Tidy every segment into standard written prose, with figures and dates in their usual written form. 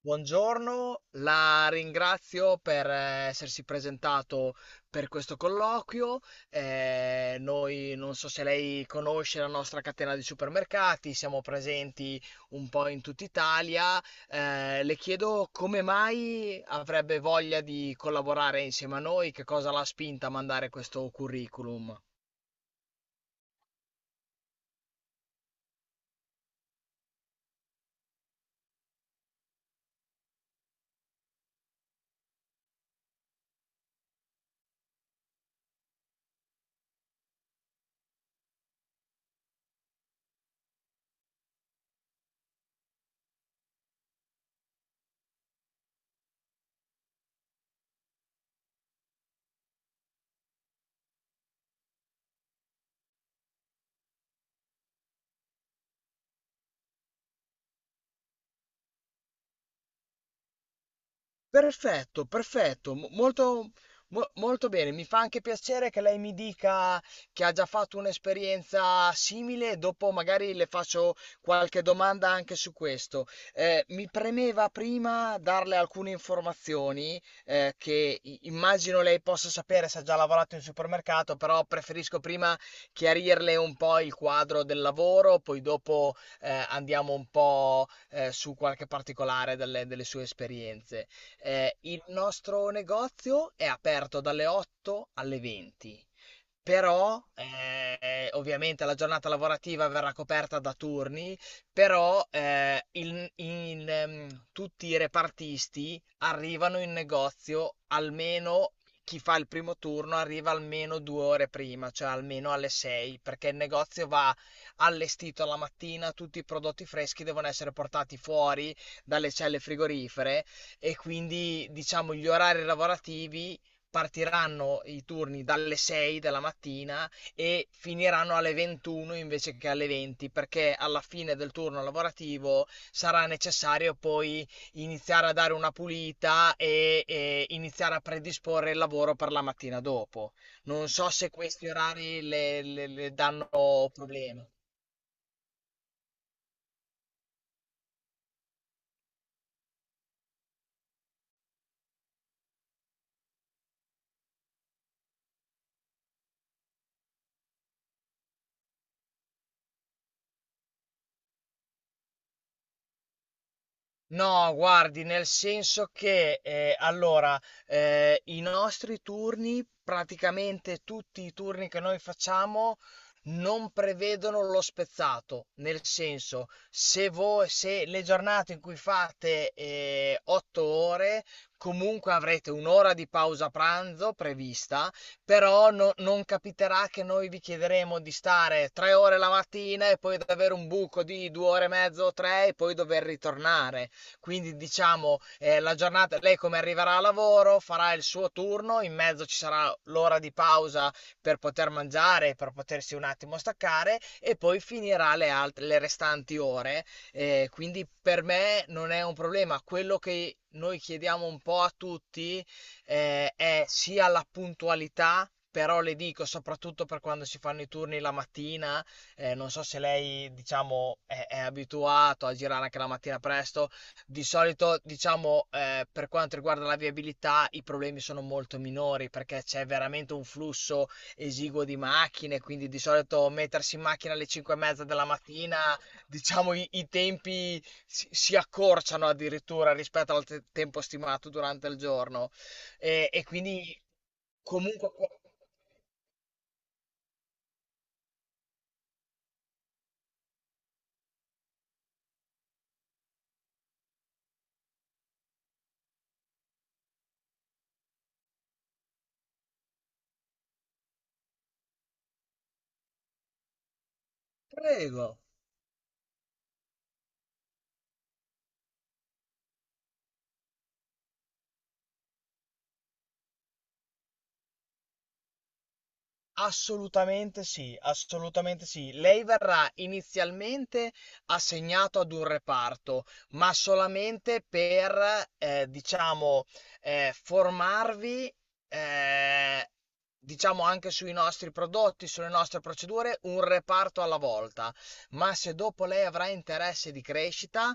Buongiorno, la ringrazio per essersi presentato per questo colloquio. Noi non so se lei conosce la nostra catena di supermercati, siamo presenti un po' in tutta Italia. Le chiedo come mai avrebbe voglia di collaborare insieme a noi. Che cosa l'ha spinta a mandare questo curriculum? Perfetto, perfetto, molto, molto bene. Mi fa anche piacere che lei mi dica che ha già fatto un'esperienza simile. Dopo magari le faccio qualche domanda anche su questo. Mi premeva prima darle alcune informazioni che immagino lei possa sapere se ha già lavorato in supermercato, però preferisco prima chiarirle un po' il quadro del lavoro, poi dopo andiamo un po' su qualche particolare delle sue esperienze. Il nostro negozio è aperto dalle 8 alle 20, però ovviamente la giornata lavorativa verrà coperta da turni, però tutti i repartisti arrivano in negozio almeno, chi fa il primo turno arriva almeno 2 ore prima, cioè almeno alle 6, perché il negozio va allestito la mattina, tutti i prodotti freschi devono essere portati fuori dalle celle frigorifere e quindi diciamo gli orari lavorativi, partiranno i turni dalle 6 della mattina e finiranno alle 21 invece che alle 20, perché alla fine del turno lavorativo sarà necessario poi iniziare a dare una pulita e, iniziare a predisporre il lavoro per la mattina dopo. Non so se questi orari le danno problemi. No, guardi, nel senso che allora, i nostri turni, praticamente tutti i turni che noi facciamo, non prevedono lo spezzato. Nel senso, se voi, se le giornate in cui fate 8 ore, comunque avrete un'ora di pausa pranzo prevista, però non capiterà che noi vi chiederemo di stare 3 ore la mattina e poi di avere un buco di 2 ore e mezzo o tre e poi dover ritornare. Quindi diciamo, la giornata, lei come arriverà a lavoro, farà il suo turno, in mezzo ci sarà l'ora di pausa per poter mangiare, per potersi un attimo staccare e poi finirà le restanti ore. Quindi per me non è un problema. Quello che noi chiediamo un po' a tutti è sia la puntualità, però le dico soprattutto per quando si fanno i turni la mattina, non so se lei, diciamo, è abituato a girare anche la mattina presto. Di solito, diciamo, per quanto riguarda la viabilità, i problemi sono molto minori perché c'è veramente un flusso esiguo di macchine, quindi di solito mettersi in macchina alle 5 e mezza della mattina, diciamo, i tempi si accorciano addirittura rispetto al tempo stimato durante il giorno. E quindi comunque. Prego. Assolutamente sì, assolutamente sì. Lei verrà inizialmente assegnato ad un reparto, ma solamente per, diciamo, formarvi, eh, diciamo, anche sui nostri prodotti, sulle nostre procedure, un reparto alla volta. Ma se dopo lei avrà interesse di crescita,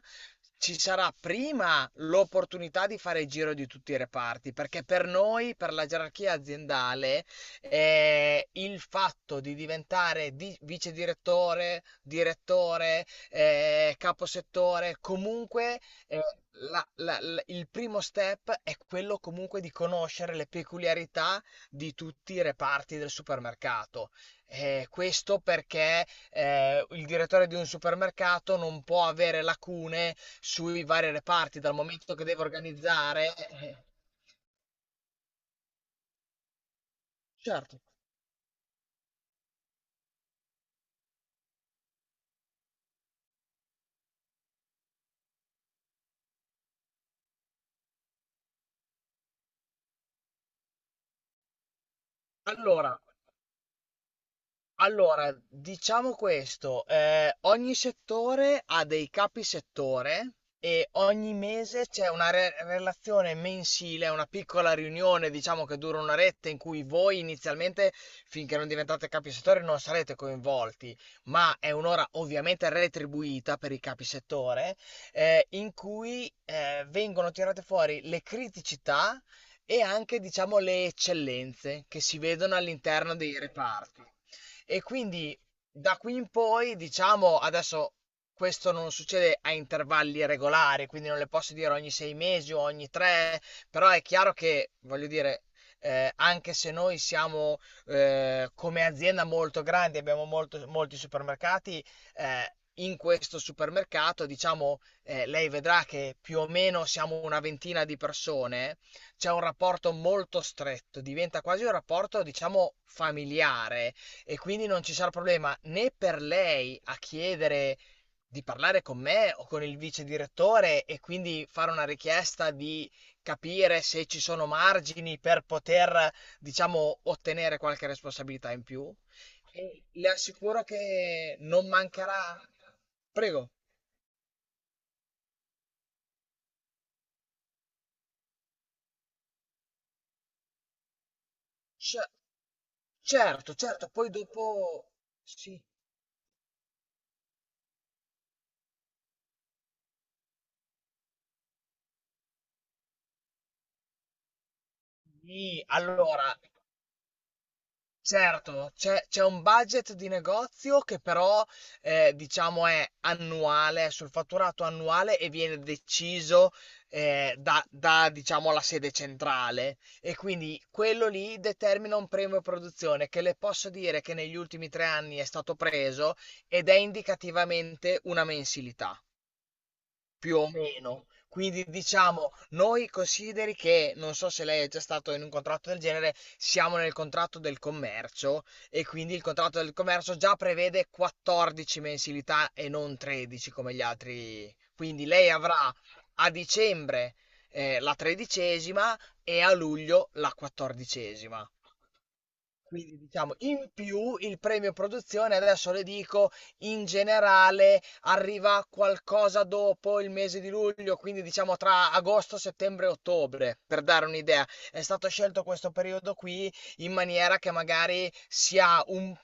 ci sarà prima l'opportunità di fare il giro di tutti i reparti, perché per noi, per la gerarchia aziendale, il fatto di diventare vice direttore, direttore, caposettore, comunque, eh, il primo step è quello comunque di conoscere le peculiarità di tutti i reparti del supermercato. Questo perché il direttore di un supermercato non può avere lacune sui vari reparti dal momento che deve organizzare. Certo. Allora, diciamo questo, ogni settore ha dei capi settore e ogni mese c'è una relazione mensile, una piccola riunione, diciamo che dura un'oretta, in cui voi inizialmente, finché non diventate capi settore, non sarete coinvolti, ma è un'ora ovviamente retribuita per i capi settore, in cui vengono tirate fuori le criticità e anche, diciamo, le eccellenze che si vedono all'interno dei reparti. E quindi da qui in poi, diciamo, adesso questo non succede a intervalli regolari, quindi non le posso dire ogni 6 mesi o ogni tre, però è chiaro che, voglio dire, anche se noi siamo, come azienda molto grandi, abbiamo molti supermercati, eh, in questo supermercato, diciamo, lei vedrà che più o meno siamo una ventina di persone, c'è un rapporto molto stretto, diventa quasi un rapporto, diciamo, familiare, e quindi non ci sarà problema né per lei a chiedere di parlare con me o con il vice direttore e quindi fare una richiesta di capire se ci sono margini per poter, diciamo, ottenere qualche responsabilità in più. E le assicuro che non mancherà. Prego. Cer- certo, certo, poi dopo. Sì, sì. Allora, certo, c'è un budget di negozio che però, diciamo, è annuale, è sul fatturato annuale e viene deciso, da, diciamo, la sede centrale, e quindi quello lì determina un premio produzione che le posso dire che negli ultimi 3 anni è stato preso ed è indicativamente una mensilità. Più o meno. Quindi diciamo, noi consideri che, non so se lei è già stato in un contratto del genere, siamo nel contratto del commercio e quindi il contratto del commercio già prevede 14 mensilità e non 13 come gli altri. Quindi lei avrà a dicembre la tredicesima e a luglio la quattordicesima. Quindi diciamo, in più, il premio produzione, adesso le dico, in generale arriva qualcosa dopo il mese di luglio, quindi diciamo tra agosto, settembre e ottobre, per dare un'idea. È stato scelto questo periodo qui in maniera che magari sia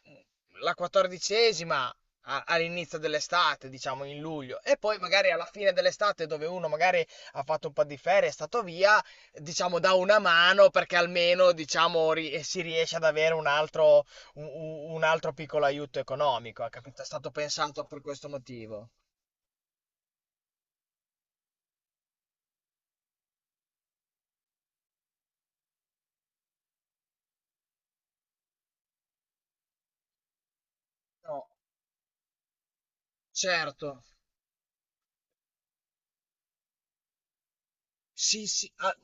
la quattordicesima all'inizio dell'estate, diciamo in luglio, e poi magari alla fine dell'estate dove uno magari ha fatto un po' di ferie, è stato via, diciamo, dà una mano, perché almeno, diciamo, si riesce ad avere un, un altro piccolo aiuto economico. È, capito? È stato pensato per questo motivo. No, certo. Sì, sì.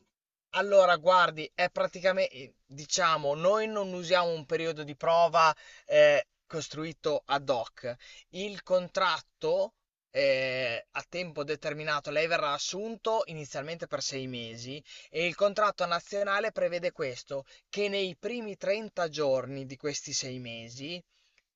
Allora, guardi, è praticamente, diciamo, noi non usiamo un periodo di prova costruito ad hoc. Il contratto a tempo determinato, lei verrà assunto inizialmente per 6 mesi e il contratto nazionale prevede questo, che nei primi 30 giorni di questi 6 mesi,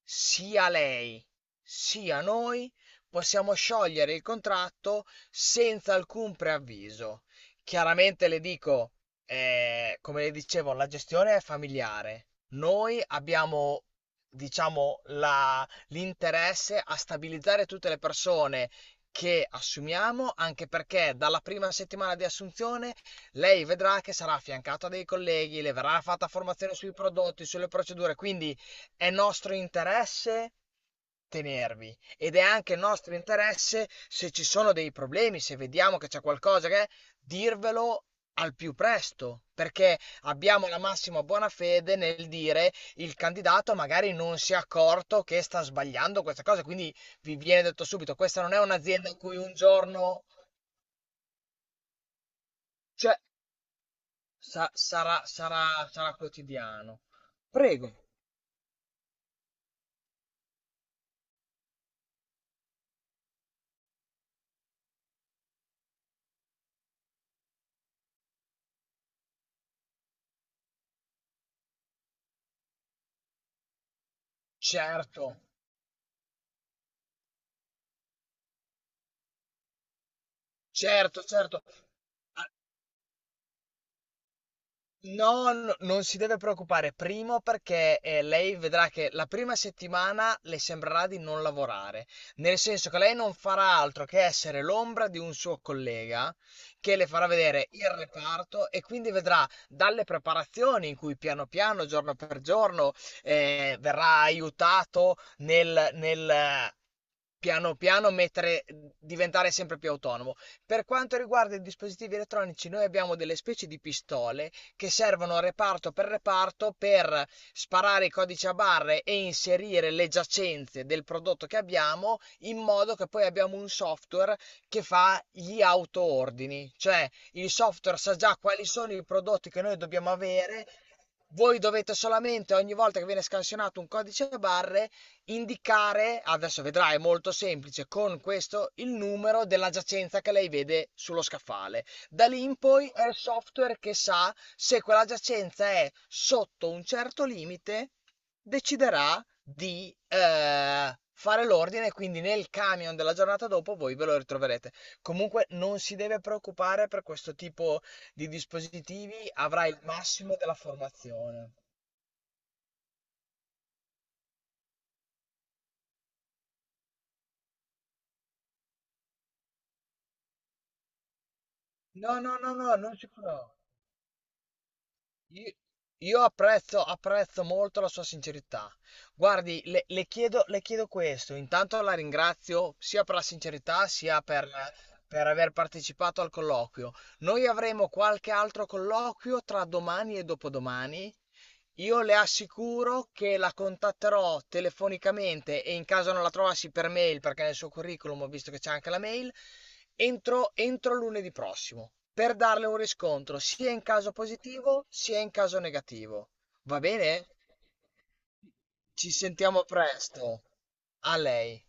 sia lei sia noi possiamo sciogliere il contratto senza alcun preavviso. Chiaramente le dico, come le dicevo, la gestione è familiare. Noi abbiamo, diciamo, l'interesse a stabilizzare tutte le persone che assumiamo, anche perché dalla prima settimana di assunzione lei vedrà che sarà affiancata a dei colleghi, le verrà fatta formazione sui prodotti, sulle procedure, quindi è nostro interesse tenervi, ed è anche nostro interesse, se ci sono dei problemi, se vediamo che c'è qualcosa, che dirvelo al più presto, perché abbiamo la massima buona fede nel dire il candidato magari non si è accorto che sta sbagliando questa cosa, quindi vi viene detto subito. Questa non è un'azienda in cui un giorno, cioè, sarà quotidiano. Prego. Certo, certo, certo. No, non si deve preoccupare. Primo, perché lei vedrà che la prima settimana le sembrerà di non lavorare, nel senso che lei non farà altro che essere l'ombra di un suo collega che le farà vedere il reparto e quindi vedrà dalle preparazioni in cui piano piano, giorno per giorno, verrà aiutato nel, nel piano piano mettere, diventare sempre più autonomo. Per quanto riguarda i dispositivi elettronici, noi abbiamo delle specie di pistole che servono reparto per sparare i codici a barre e inserire le giacenze del prodotto che abbiamo, in modo che poi abbiamo un software che fa gli autoordini, cioè il software sa già quali sono i prodotti che noi dobbiamo avere. Voi dovete solamente, ogni volta che viene scansionato un codice a barre, indicare, adesso vedrai, è molto semplice, con questo il numero della giacenza che lei vede sullo scaffale. Da lì in poi è il software che sa, se quella giacenza è sotto un certo limite, deciderà di fare l'ordine, e quindi nel camion della giornata dopo voi ve lo ritroverete. Comunque non si deve preoccupare per questo tipo di dispositivi, avrà il massimo della formazione. No, no, no, no, non si preoccupi. Io, io apprezzo molto la sua sincerità. Guardi, le chiedo questo. Intanto la ringrazio sia per la sincerità sia per, aver partecipato al colloquio. Noi avremo qualche altro colloquio tra domani e dopodomani. Io le assicuro che la contatterò telefonicamente, e in caso non la trovassi, per mail, perché nel suo curriculum ho visto che c'è anche la mail, entro lunedì prossimo, per darle un riscontro sia in caso positivo sia in caso negativo. Va bene? Ci sentiamo presto. A lei.